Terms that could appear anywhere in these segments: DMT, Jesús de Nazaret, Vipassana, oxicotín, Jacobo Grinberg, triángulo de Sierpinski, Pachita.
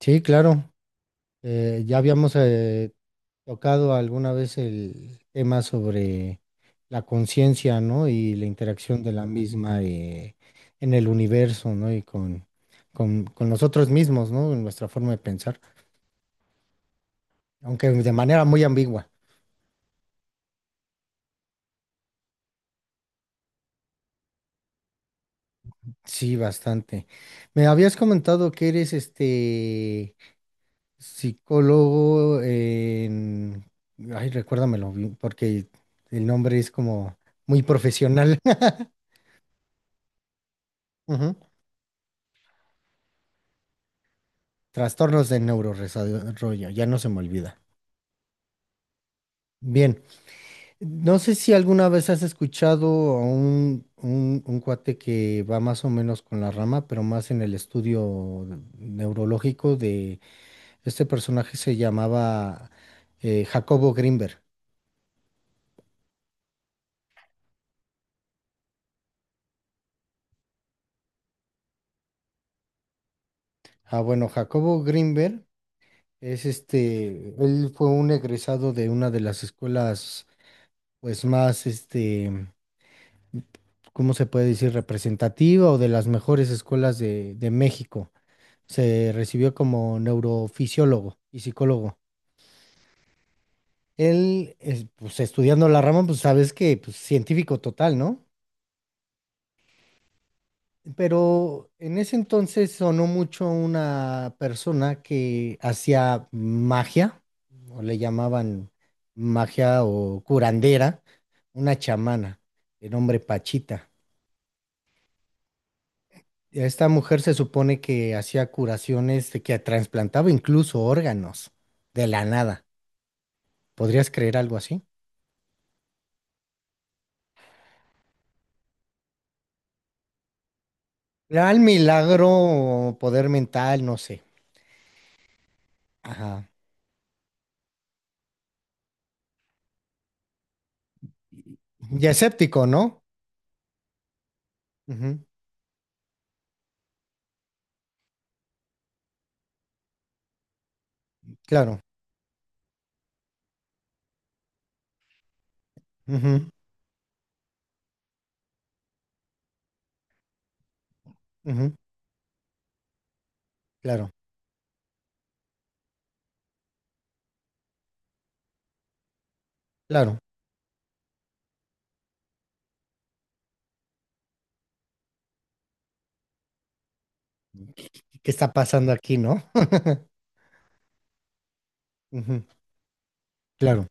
Sí, claro. Ya habíamos tocado alguna vez el tema sobre la conciencia, ¿no? Y la interacción de la misma en el universo, ¿no? Y con nosotros mismos, ¿no? En nuestra forma de pensar, aunque de manera muy ambigua. Sí, bastante. Me habías comentado que eres este psicólogo en... Ay, recuérdamelo, bien, porque el nombre es como muy profesional. Trastornos de neurodesarrollo, ya no se me olvida. Bien, no sé si alguna vez has escuchado a un cuate que va más o menos con la rama, pero más en el estudio neurológico de este personaje se llamaba Jacobo Grinberg. Ah, bueno, Jacobo Grinberg es este, él fue un egresado de una de las escuelas, pues más este, ¿cómo se puede decir? Representativa o de las mejores escuelas de México. Se recibió como neurofisiólogo y psicólogo. Él, es, pues estudiando la rama, pues sabes que pues, científico total, ¿no? Pero en ese entonces sonó mucho una persona que hacía magia, o le llamaban magia o curandera, una chamana, de nombre Pachita. Esta mujer se supone que hacía curaciones, de que trasplantaba incluso órganos de la nada. ¿Podrías creer algo así? Real milagro, poder mental, no sé. Ajá. Y escéptico, ¿no? Ujú. Claro. Ujú, ujú. Claro, claro. ¿Qué está pasando aquí, no? Ujú. Claro.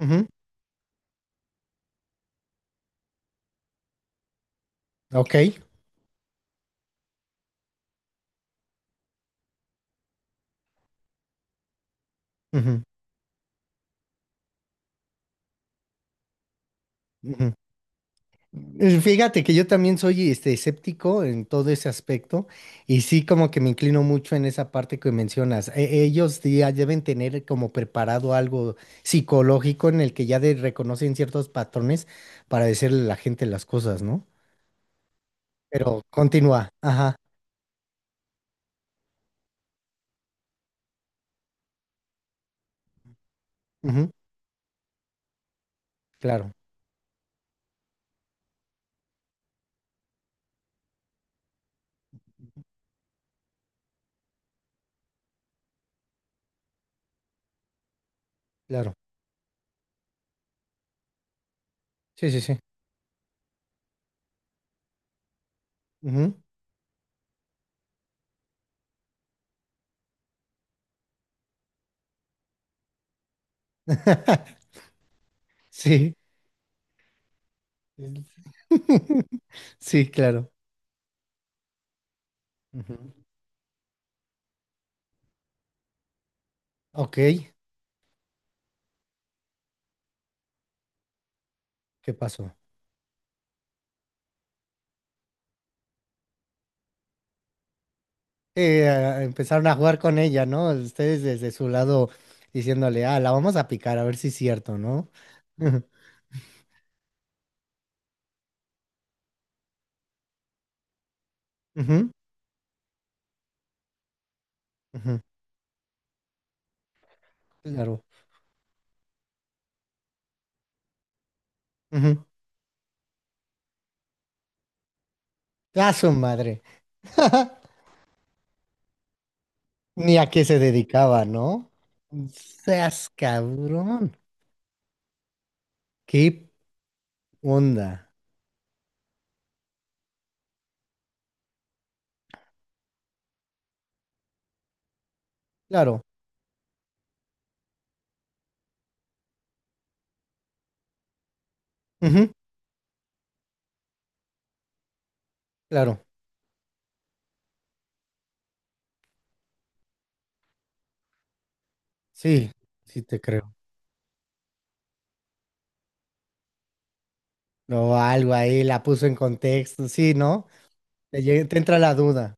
Ujú. Ok. Ujú, ujú. Fíjate que yo también soy este, escéptico en todo ese aspecto y sí como que me inclino mucho en esa parte que mencionas. E- ellos sí ya deben tener como preparado algo psicológico en el que ya de- reconocen ciertos patrones para decirle a la gente las cosas, ¿no? Pero continúa. Ajá. Ujú. Claro, claro. Sí, sí, sí. Ujú. Sí. Sí, claro. Ujú. Ok, ¿qué pasó? Eh, a- empezaron a jugar con ella, ¿no? Ustedes desde su lado diciéndole, ah, la vamos a picar, a ver si es cierto, ¿no? Ujú, ujú, ujú, claro. Ujú. A su madre. Ni a qué se dedicaba, ¿no? Seas cabrón. ¿Qué onda? Claro, ujú, claro. Sí, sí te creo. No, algo ahí la puso en contexto, sí, ¿no? Te, lle- te entra la duda.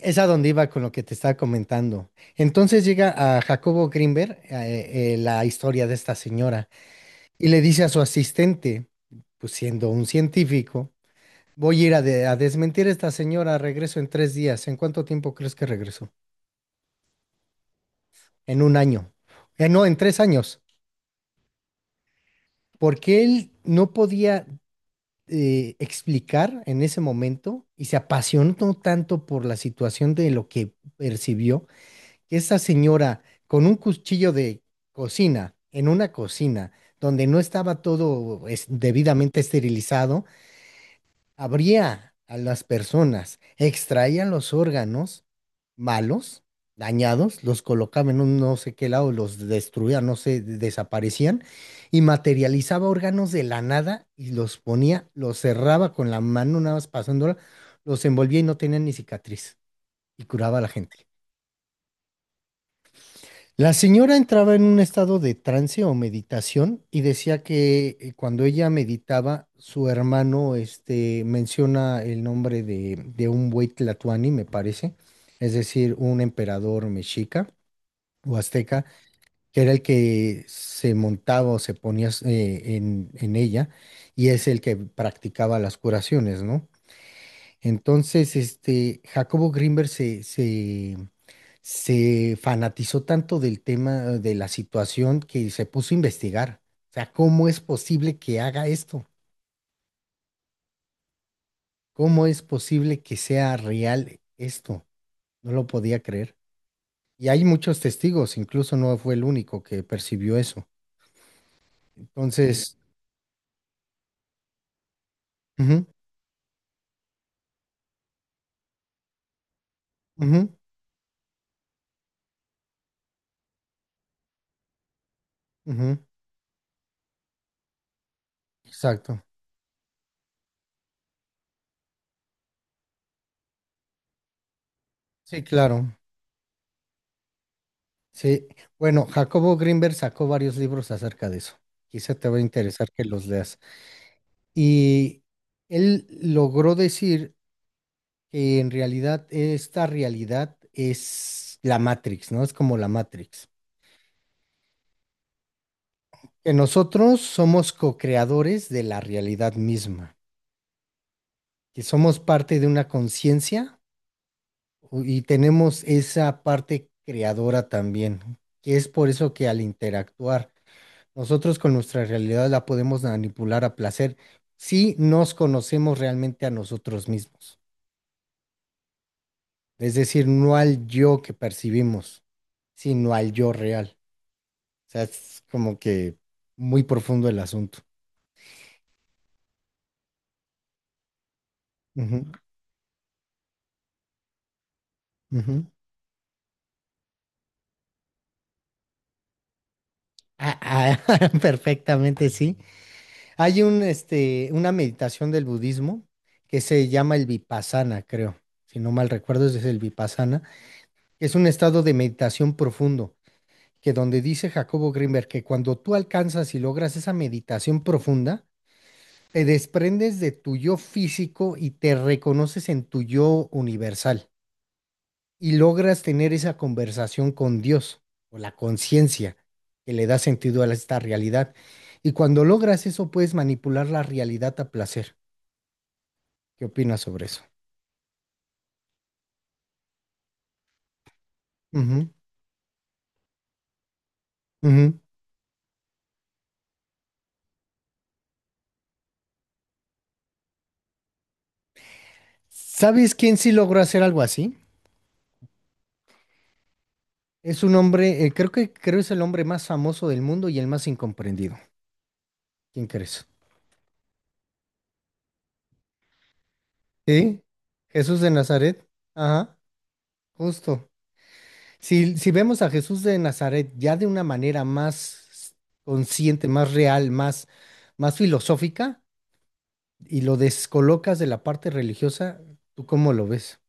Es a donde iba con lo que te estaba comentando. Entonces llega a Jacobo Greenberg la historia de esta señora y le dice a su asistente, pues siendo un científico, voy a ir a, de- a desmentir a esta señora, regreso en tres días. ¿En cuánto tiempo crees que regresó? En un año. No, en tres años. Porque él no podía explicar en ese momento y se apasionó tanto por la situación de lo que percibió que esa señora con un cuchillo de cocina, en una cocina donde no estaba todo es- debidamente esterilizado, abría a las personas, extraía los órganos malos, dañados, los colocaba en un no sé qué lado, los destruía, no sé, de- desaparecían, y materializaba órganos de la nada y los ponía, los cerraba con la mano, nada más pasándola, los envolvía y no tenían ni cicatriz, y curaba a la gente. La señora entraba en un estado de trance o meditación y decía que cuando ella meditaba, su hermano este, menciona el nombre de un buey tlatoani, me parece, es decir, un emperador mexica o azteca, que era el que se montaba o se ponía en ella y es el que practicaba las curaciones, ¿no? Entonces, este, Jacobo Grinberg se fanatizó tanto del tema de la situación que se puso a investigar. O sea, ¿cómo es posible que haga esto? ¿Cómo es posible que sea real esto? No lo podía creer. Y hay muchos testigos, incluso no fue el único que percibió eso. Entonces, ujú, ujú, ujú, exacto. Sí, claro. Sí. Bueno, Jacobo Grinberg sacó varios libros acerca de eso. Quizá te va a interesar que los leas. Y él logró decir que en realidad esta realidad es la Matrix, ¿no? Es como la Matrix. Que nosotros somos co-creadores de la realidad misma, que somos parte de una conciencia y tenemos esa parte creadora también, que es por eso que al interactuar nosotros con nuestra realidad la podemos manipular a placer si nos conocemos realmente a nosotros mismos. Es decir, no al yo que percibimos, sino al yo real. Sea, es como que muy profundo el asunto. Ujú, ujú. Ah, ah, perfectamente, sí. Hay un, este, una meditación del budismo que se llama el Vipassana, creo. Si no mal recuerdo, es el Vipassana. Es un estado de meditación profundo, que donde dice Jacobo Grimberg que cuando tú alcanzas y logras esa meditación profunda, te desprendes de tu yo físico y te reconoces en tu yo universal. Y logras tener esa conversación con Dios o la conciencia que le da sentido a esta realidad. Y cuando logras eso, puedes manipular la realidad a placer. ¿Qué opinas sobre eso? Ujú, ujú. ¿Sabes quién sí logró hacer algo así? Es un hombre, creo que creo es el hombre más famoso del mundo y el más incomprendido. ¿Quién crees? Sí, Jesús de Nazaret. Ajá, justo. Si, si vemos a Jesús de Nazaret ya de una manera más consciente, más real, más, más filosófica, y lo descolocas de la parte religiosa, ¿tú cómo lo ves?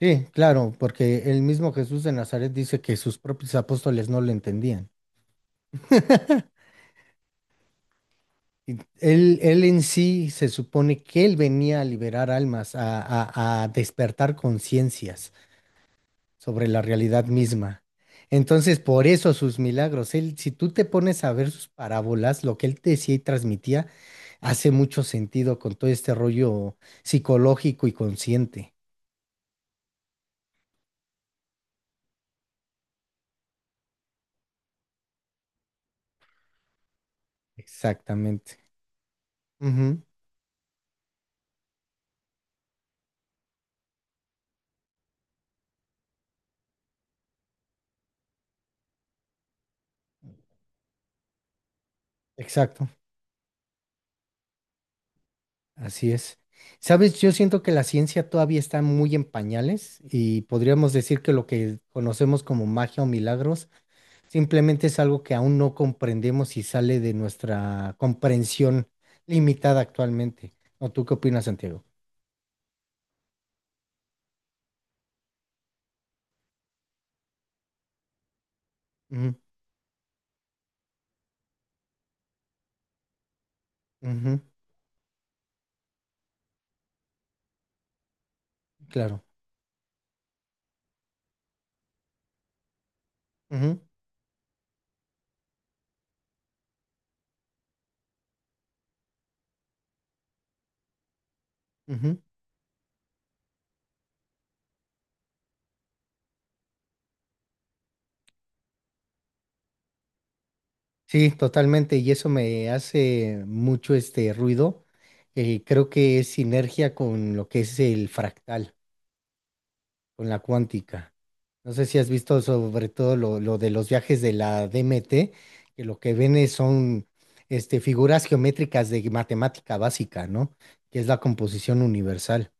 Sí, claro, porque el mismo Jesús de Nazaret dice que sus propios apóstoles no lo entendían. Y Él en sí se supone que él venía a liberar almas, a despertar conciencias sobre la realidad misma. Entonces, por eso sus milagros, él, si tú te pones a ver sus parábolas, lo que él decía y transmitía, hace mucho sentido con todo este rollo psicológico y consciente. Exactamente. Ujú. Exacto, así es. Sabes, yo siento que la ciencia todavía está muy en pañales y podríamos decir que lo que conocemos como magia o milagros simplemente es algo que aún no comprendemos y sale de nuestra comprensión limitada actualmente. ¿O tú qué opinas, Santiago? Ujú, ujú, claro. Ujú, ujú. Sí, totalmente. Y eso me hace mucho este ruido. Creo que es sinergia con lo que es el fractal, con la cuántica. No sé si has visto sobre todo lo de los viajes de la DMT, que lo que ven es- son este, figuras geométricas de matemática básica, ¿no? Que es la composición universal.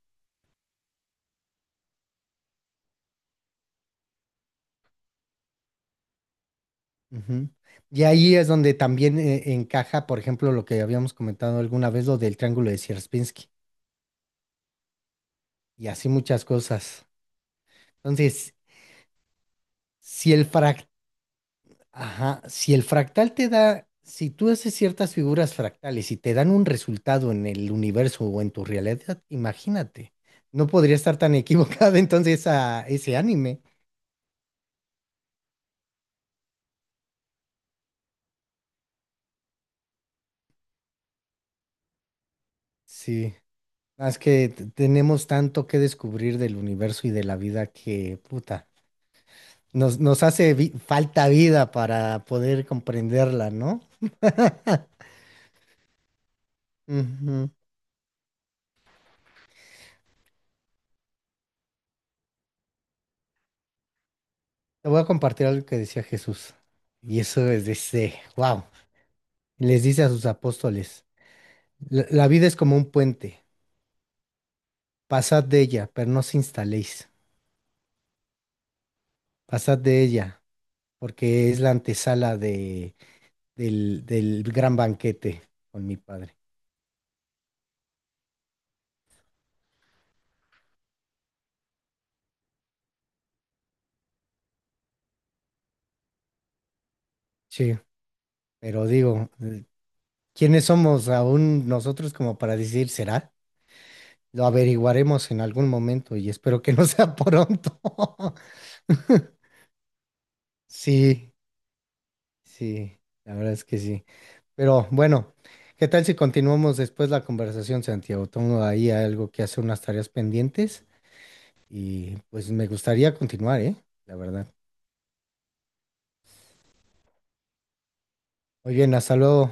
Ujú. Y ahí es donde también encaja, por ejemplo, lo que habíamos comentado alguna vez, lo del triángulo de Sierpinski, y así muchas cosas. Entonces, si el... Ajá, si el fractal te da, si tú haces ciertas figuras fractales y te dan un resultado en el universo o en tu realidad, imagínate, no podría estar tan equivocado entonces a ese anime. Sí, más que t- tenemos tanto que descubrir del universo y de la vida que, puta, nos hace vi- falta vida para poder comprenderla, ¿no? Ujú. Te voy a compartir algo que decía Jesús. Y eso es de, wow, les dice a sus apóstoles. La vida es como un puente. Pasad de ella, pero no os instaléis. Pasad de ella, porque es la antesala del gran banquete con mi padre. Sí, pero digo, ¿quiénes somos aún nosotros como para decir será? Lo averiguaremos en algún momento y espero que no sea pronto. Sí, sí, la verdad es que sí. Pero bueno, ¿qué tal si continuamos después la conversación, Santiago? Tengo ahí algo que hacer, unas tareas pendientes y pues me gustaría continuar, ¿eh? La verdad. Muy bien, hasta luego.